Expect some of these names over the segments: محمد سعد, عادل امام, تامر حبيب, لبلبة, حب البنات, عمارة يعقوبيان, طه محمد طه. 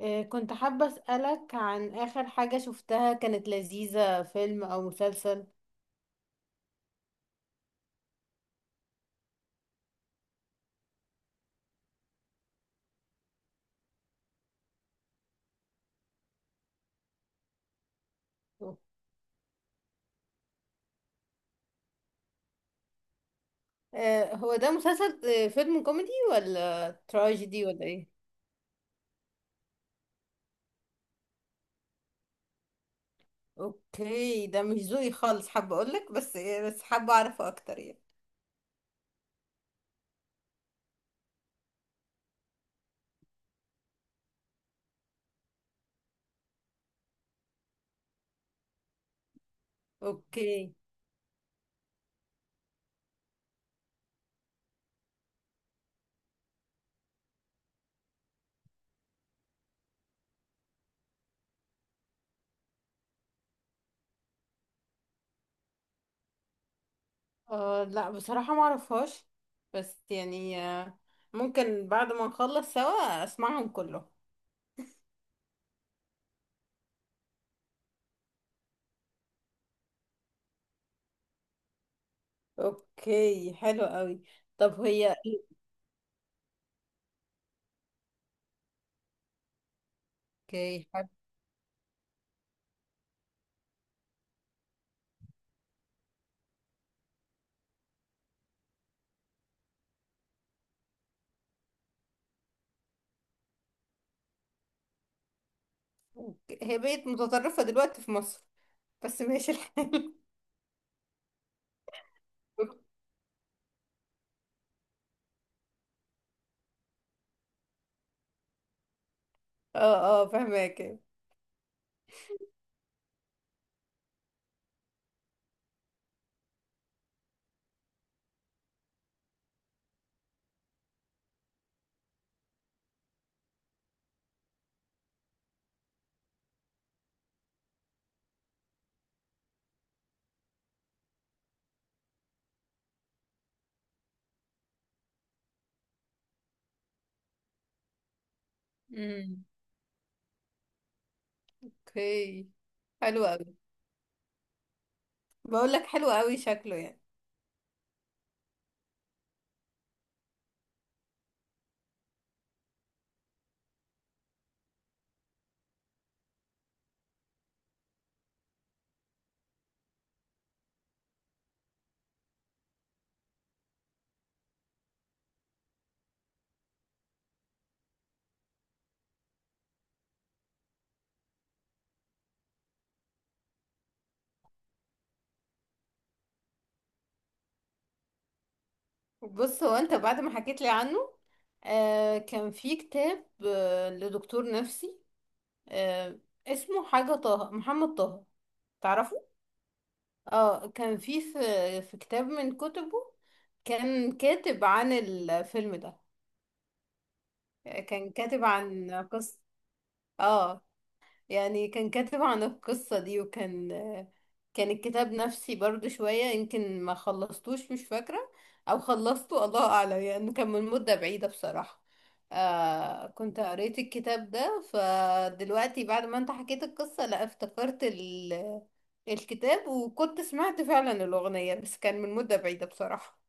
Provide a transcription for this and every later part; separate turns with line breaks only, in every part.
كنت حابة أسألك عن آخر حاجة شفتها كانت لذيذة، فيلم أو مسلسل؟ هو ده مسلسل فيلم كوميدي ولا تراجيدي ولا ايه؟ اوكي، ده مش ذوقي خالص، حابة اقولك بس حابة اعرفه اكتر يعني. اوكي. آه لا، بصراحة ما اعرفهاش. بس يعني ممكن بعد ما نخلص سوا اسمعهم كلهم. اوكي حلو قوي. طب هي. اوكي حلو. أوكي. هي بقت متطرفة دلوقتي في مصر، بس ماشي الحال. اه اه فهماك. امم. اوكي حلو قوي. بقول لك حلو قوي شكله يعني. بص هو، انت بعد ما حكيت لي عنه، آه كان في كتاب آه لدكتور نفسي آه، اسمه حاجة طه، محمد طه. تعرفه؟ اه كان في في كتاب من كتبه، كان كاتب عن الفيلم ده، كان كاتب عن قصة. اه يعني كان كاتب عن القصة دي، وكان، كان الكتاب نفسي برضو شوية، يمكن ما خلصتوش مش فاكرة، او خلصته الله اعلم، يعني كان من مدة بعيدة بصراحة. آه كنت قريت الكتاب ده، فدلوقتي بعد ما انت حكيت القصة، لا افتكرت ال، الكتاب، وكنت سمعت فعلا الأغنية بس كان من مدة بعيدة بصراحة.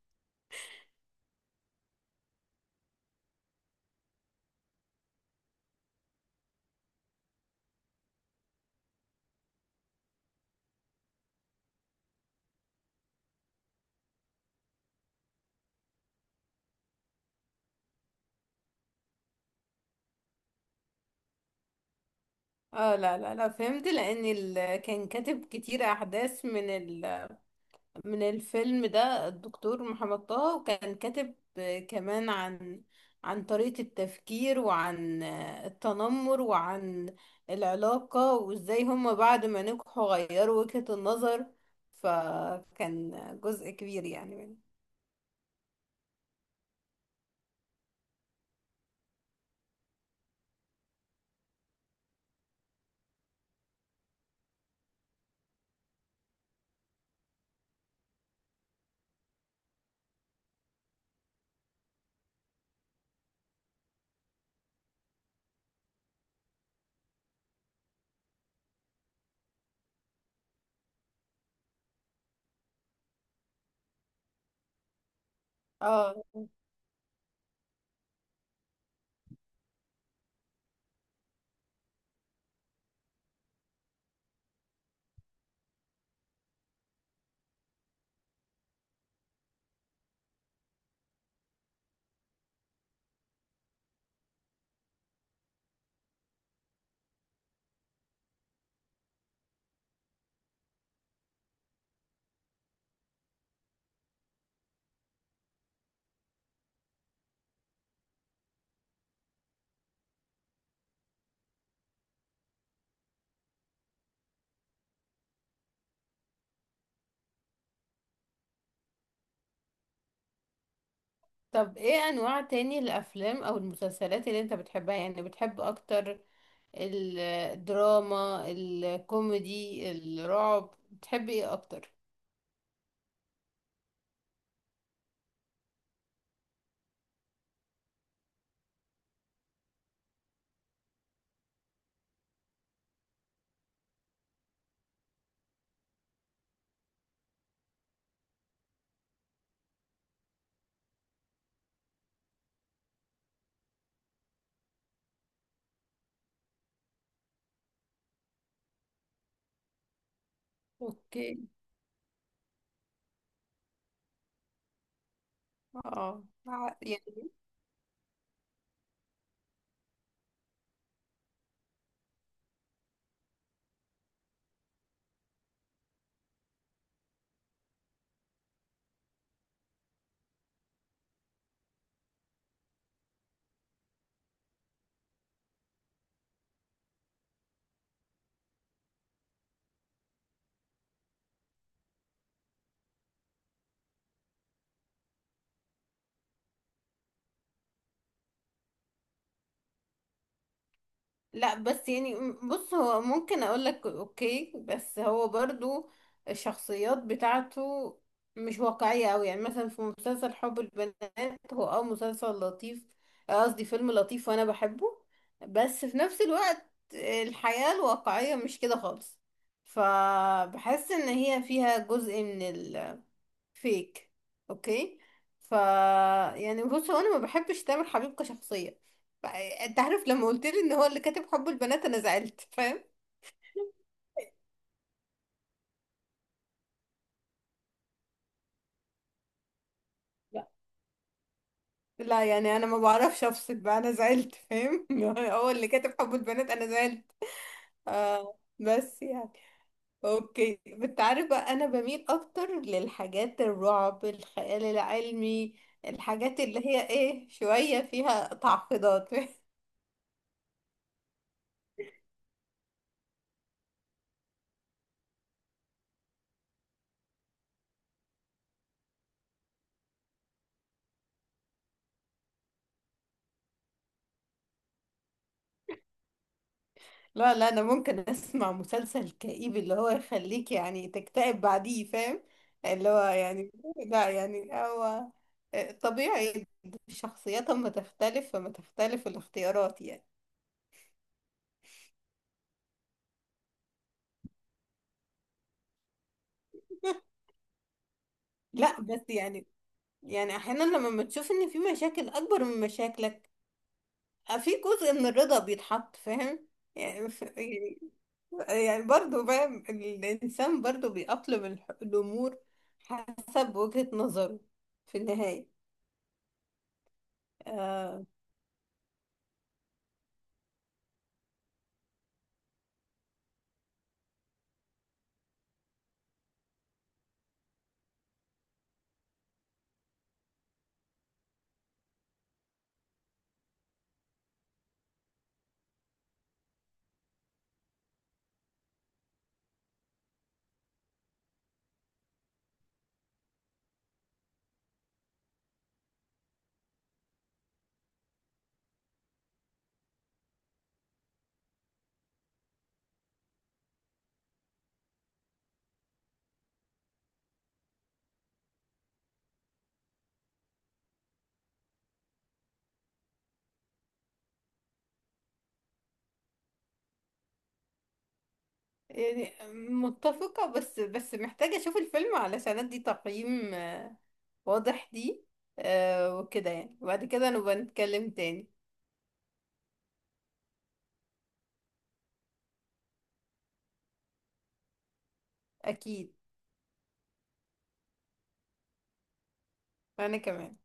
اه لا لا لا، فهمت، لأن ال... كان كاتب كتير أحداث من من الفيلم ده. الدكتور محمد طه كان كاتب كمان عن عن طريقة التفكير، وعن التنمر، وعن العلاقة، وازاي هما بعد ما نجحوا غيروا وجهة النظر. فكان جزء كبير يعني منه. اه طب ايه انواع تاني الافلام او المسلسلات اللي انت بتحبها، يعني بتحب اكتر الدراما، الكوميدي، الرعب، بتحب ايه اكتر؟ اوكي. اه لا بس يعني بص، هو ممكن اقول لك اوكي، بس هو برضو الشخصيات بتاعته مش واقعية قوي. يعني مثلا في مسلسل حب البنات، هو اه مسلسل لطيف، آه قصدي فيلم لطيف وانا بحبه، بس في نفس الوقت الحياة الواقعية مش كده خالص. فبحس ان هي فيها جزء من فيك. اوكي. ف، يعني بص، هو انا ما بحبش تامر حبيب كشخصيه. انت عارف لما قلت لي ان هو اللي كاتب حب البنات، انا زعلت فاهم. لا لا، يعني انا ما بعرفش افصل بقى، انا زعلت فاهم. هو اللي كاتب حب البنات انا زعلت. آه بس يعني، اوكي، انت عارف بقى انا بميل اكتر للحاجات الرعب، الخيال العلمي، الحاجات اللي هي ايه شويه فيها تعقيدات. لا لا، انا ممكن اسمع مسلسل كئيب اللي هو يخليك يعني تكتئب بعديه، فاهم؟ اللي هو يعني، لا يعني هو طبيعي، الشخصيات اما تختلف فما تختلف الاختيارات يعني. لا بس يعني، يعني احيانا لما بتشوف ان في مشاكل اكبر من مشاكلك، في جزء من الرضا بيتحط، فاهم؟ يعني يعني، يعني برضه فاهم، الانسان برضه بيأقلم الامور حسب وجهة نظره في النهاية. آه، يعني متفقة، بس محتاجة أشوف الفيلم علشان أدي تقييم واضح دي وكده يعني، وبعد كده نبقى نتكلم تاني. أكيد. وأنا كمان.